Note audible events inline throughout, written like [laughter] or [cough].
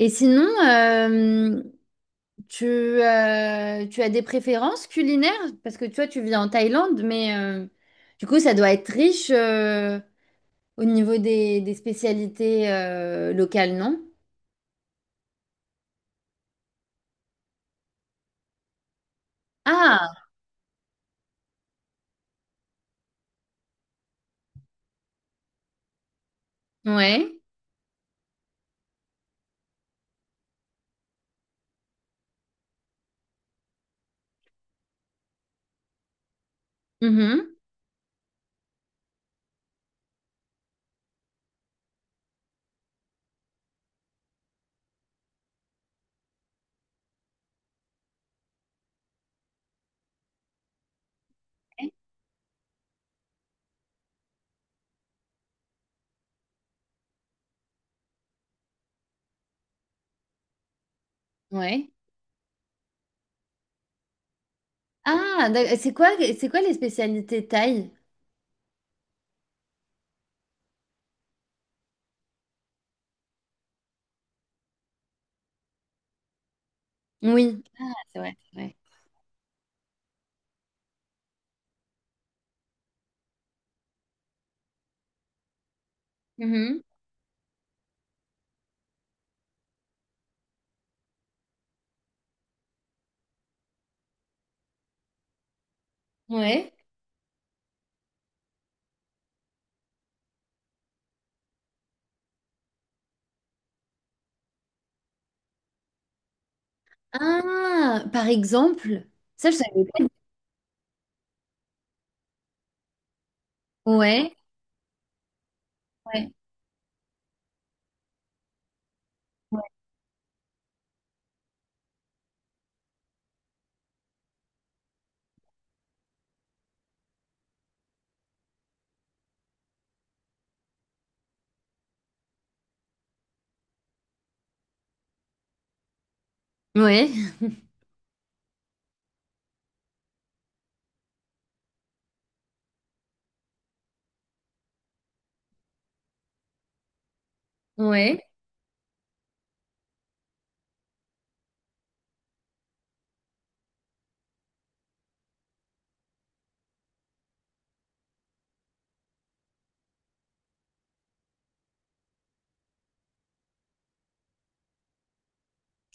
Et sinon, tu as des préférences culinaires? Parce que toi, tu vis en Thaïlande, mais du coup, ça doit être riche au niveau des spécialités locales, non? Ah, ouais. Mhm. Ouais. C'est quoi, c'est quoi les spécialités thaï? Oui. Ah, c'est vrai, c'est vrai. Mhm. Ouais. Ah, par exemple, ça, je savais pas. Ouais. Ouais. Ouais. Ouais.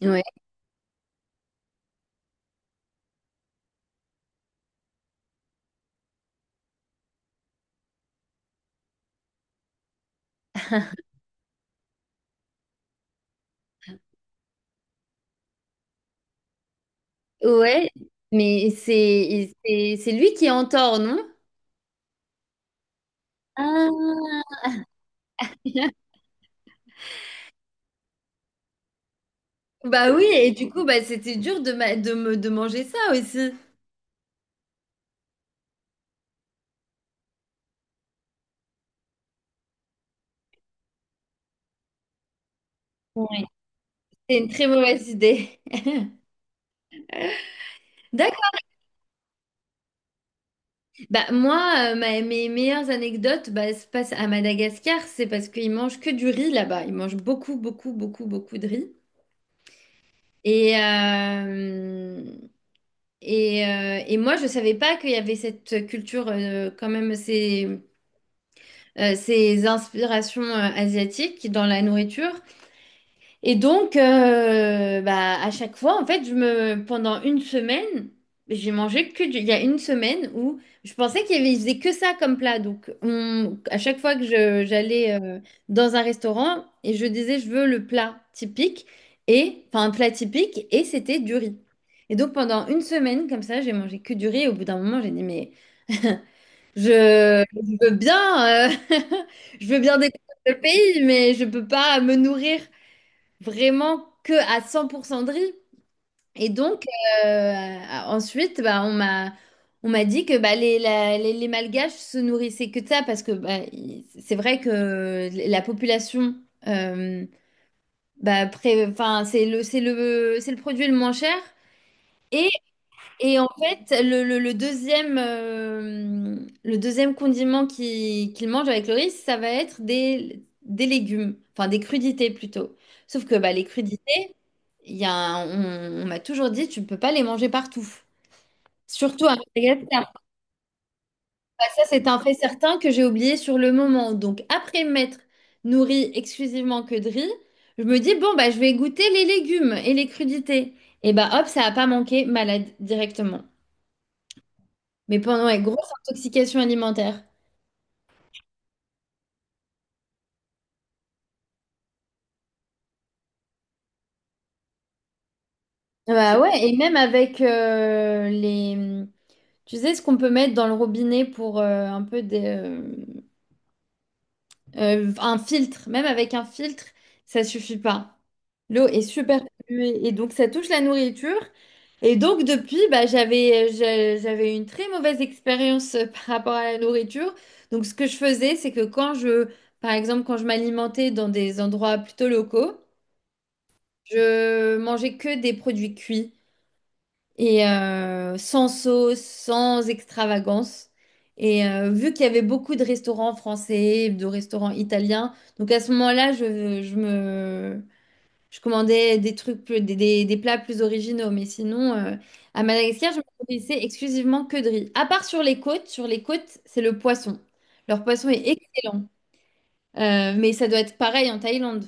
Ouais. Ouais, mais c'est lui qui est en tort, non? Ah. [laughs] Bah oui, et du coup, bah c'était dur de, ma- de me de manger ça aussi. Ouais. C'est une très mauvaise idée. [laughs] D'accord. Bah moi, mes meilleures anecdotes, bah, se passent à Madagascar, c'est parce qu'ils mangent que du riz là-bas. Ils mangent beaucoup, beaucoup, beaucoup, beaucoup de riz. Et euh, et moi, je savais pas qu'il y avait cette culture quand même. Ces inspirations asiatiques dans la nourriture. Et donc, bah, à chaque fois, en fait, pendant une semaine, j'ai mangé que du... Il y a une semaine où je pensais qu'il y avait, ils faisaient que ça comme plat. À chaque fois j'allais dans un restaurant et je disais, je veux le plat typique, et, enfin, un plat typique, et c'était du riz. Et donc, pendant une semaine, comme ça, j'ai mangé que du riz. Et au bout d'un moment, j'ai dit, mais... Je veux bien, [laughs] je veux bien découvrir le pays, mais je peux pas me nourrir vraiment que à 100% de riz. Et donc, euh, ensuite, bah, on m'a dit que bah, les Malgaches se nourrissaient que de ça, parce que bah, c'est vrai que la population, euh, bah, enfin, c'est le produit le moins cher. Et en fait, le deuxième condiment qu'il mange avec le riz, ça va être des légumes, enfin des crudités plutôt. Sauf que bah, les crudités, il y a un- on m'a toujours dit, tu ne peux pas les manger partout. Surtout à Madagascar. Bah, ça, c'est un fait certain que j'ai oublié sur le moment. Donc, après m'être nourrie exclusivement que de riz, je me dis, bon, bah, je vais goûter les légumes et les crudités. Et bah, hop, ça n'a pas manqué, malade directement. Mais pendant une grosse intoxication alimentaire. Bah ouais, et même avec les... Tu sais ce qu'on peut mettre dans le robinet pour un peu un filtre. Même avec un filtre, ça suffit pas. L'eau est super polluée et donc ça touche la nourriture. Et donc depuis, bah, j'avais une très mauvaise expérience [laughs] par rapport à la nourriture. Donc ce que je faisais, c'est que par exemple, quand je m'alimentais dans des endroits plutôt locaux, je mangeais que des produits cuits et sans sauce, sans extravagance. Et vu qu'il y avait beaucoup de restaurants français, de restaurants italiens, donc à ce moment-là, je commandais des trucs plus, des plats plus originaux. Mais sinon, à Madagascar, je me nourrissais exclusivement que de riz. À part sur les côtes, c'est le poisson. Leur poisson est excellent. Mais ça doit être pareil en Thaïlande.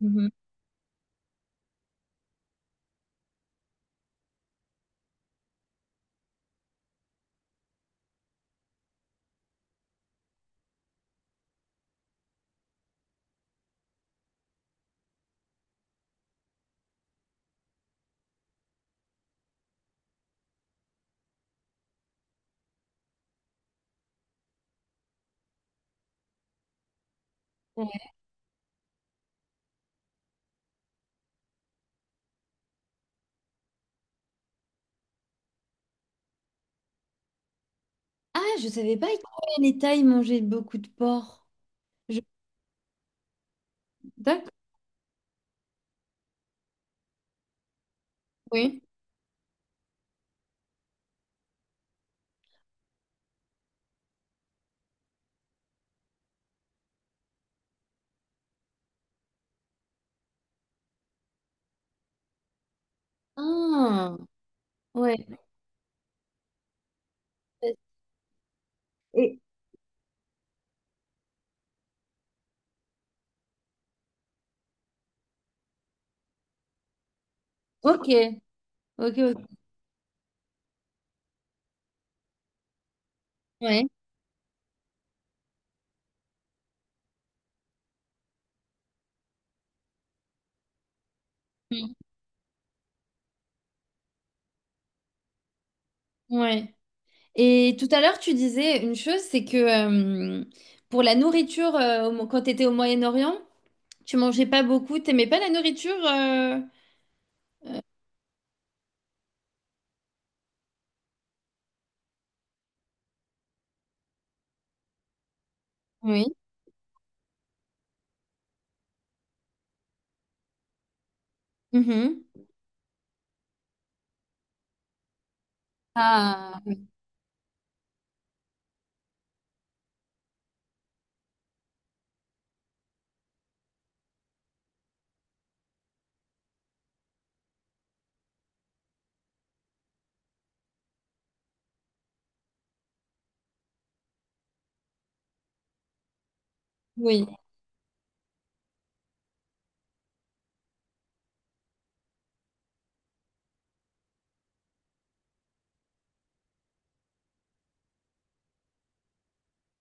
Mhm. Ah, je savais pas que les Thaïs mangeaient beaucoup de porc. Je- D'accord, oui. Ah, ouais. Ok, ok, ok. Ouais. Mm. Ouais. Et tout à l'heure, tu disais une chose, c'est que euh, pour la nourriture, quand tu étais au Moyen-Orient, tu mangeais pas beaucoup, t'aimais pas la nourriture Oui. Mhm. Ah, oui.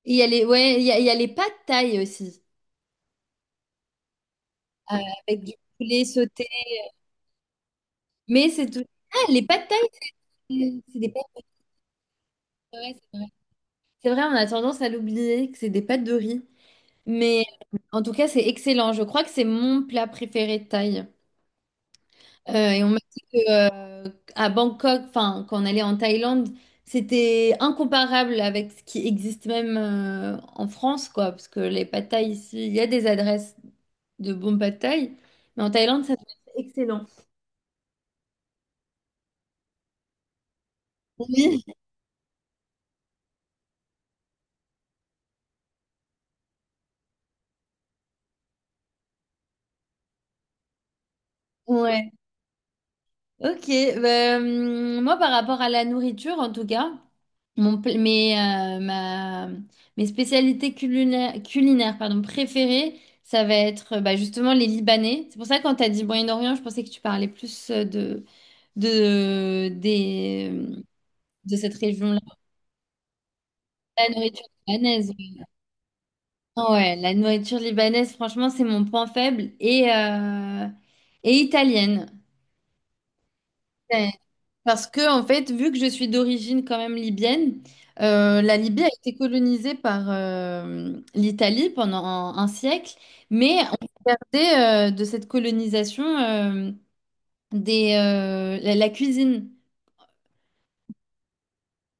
Il y a les, ouais, il y a les pâtes thaï aussi, euh, avec du poulet sauté. Mais c'est tout. Ah, les pâtes thaï, c'est des pâtes. Ouais, c'est vrai, on a tendance à l'oublier, que c'est des pâtes de riz. Mais en tout cas, c'est excellent. Je crois que c'est mon plat préféré de Thaï. Et on m'a dit que, à Bangkok, enfin, quand on allait en Thaïlande, c'était incomparable avec ce qui existe même en France, quoi. Parce que les pâtes thaï ici, il y a des adresses de bons pâtes thaï, mais en Thaïlande, ça doit être excellent. Oui, ouais. Ok, ben, moi par rapport à la nourriture en tout cas, mon, pl- mes, ma- mes spécialités culinaires, culinaires pardon, préférées, ça va être bah, justement les Libanais. C'est pour ça que quand tu as dit Moyen-Orient, je pensais que tu parlais plus de, des, de cette région-là, la nourriture libanaise. Ah ouais, la nourriture libanaise, franchement, c'est mon point faible et italienne. Parce que, en fait, vu que je suis d'origine quand même libyenne, la Libye a été colonisée par l'Italie pendant un siècle, mais on gardait de cette colonisation la cuisine.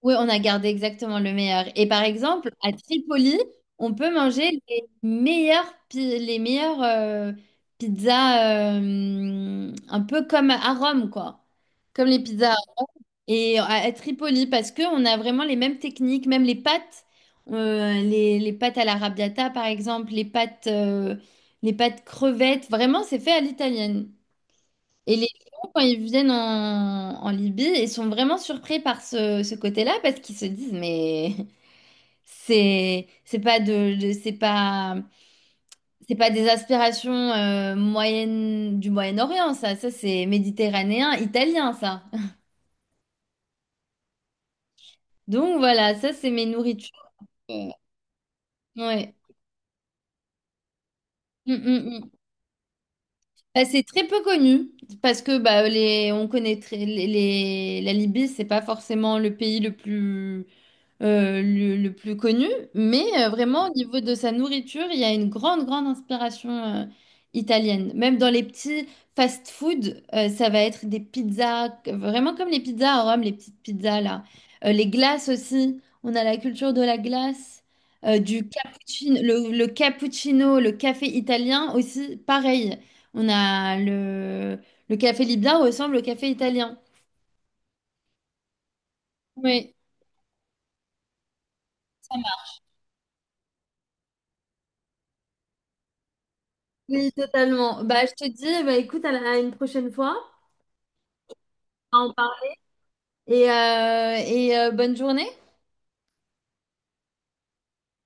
Oui, on a gardé exactement le meilleur. Et par exemple, à Tripoli, on peut manger les meilleures, les meilleures pizzas, un peu comme à Rome, quoi. Comme les pizzas. Et à Tripoli, parce qu'on a vraiment les mêmes techniques, même les pâtes, les pâtes à l'arrabbiata par exemple, les pâtes crevettes, vraiment c'est fait à l'italienne. Et les gens, quand ils viennent en Libye, ils sont vraiment surpris par ce côté-là parce qu'ils se disent, mais [laughs] c'est pas, c'est pas des aspirations moyennes du Moyen-Orient, ça c'est méditerranéen, italien, ça. [laughs] Donc voilà, ça c'est mes nourritures. Euh, ouais. Mm, mm, mm. Bah, c'est très peu connu parce que bah, on connaît très- la Libye, c'est pas forcément le pays le plus le plus connu, mais vraiment au niveau de sa nourriture, il y a une grande, grande inspiration italienne. Même dans les petits fast-food, ça va être des pizzas, que- vraiment comme les pizzas à Rome, les petites pizzas là. Les glaces aussi, on a la culture de la glace, du cappuccino, le cappuccino, le café italien aussi, pareil. On a le café libyen ressemble au café italien. Oui. Oui, totalement. Bah, je te dis, bah, écoute, à une prochaine fois. On parle. Et bonne journée.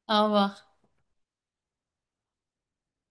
Au revoir.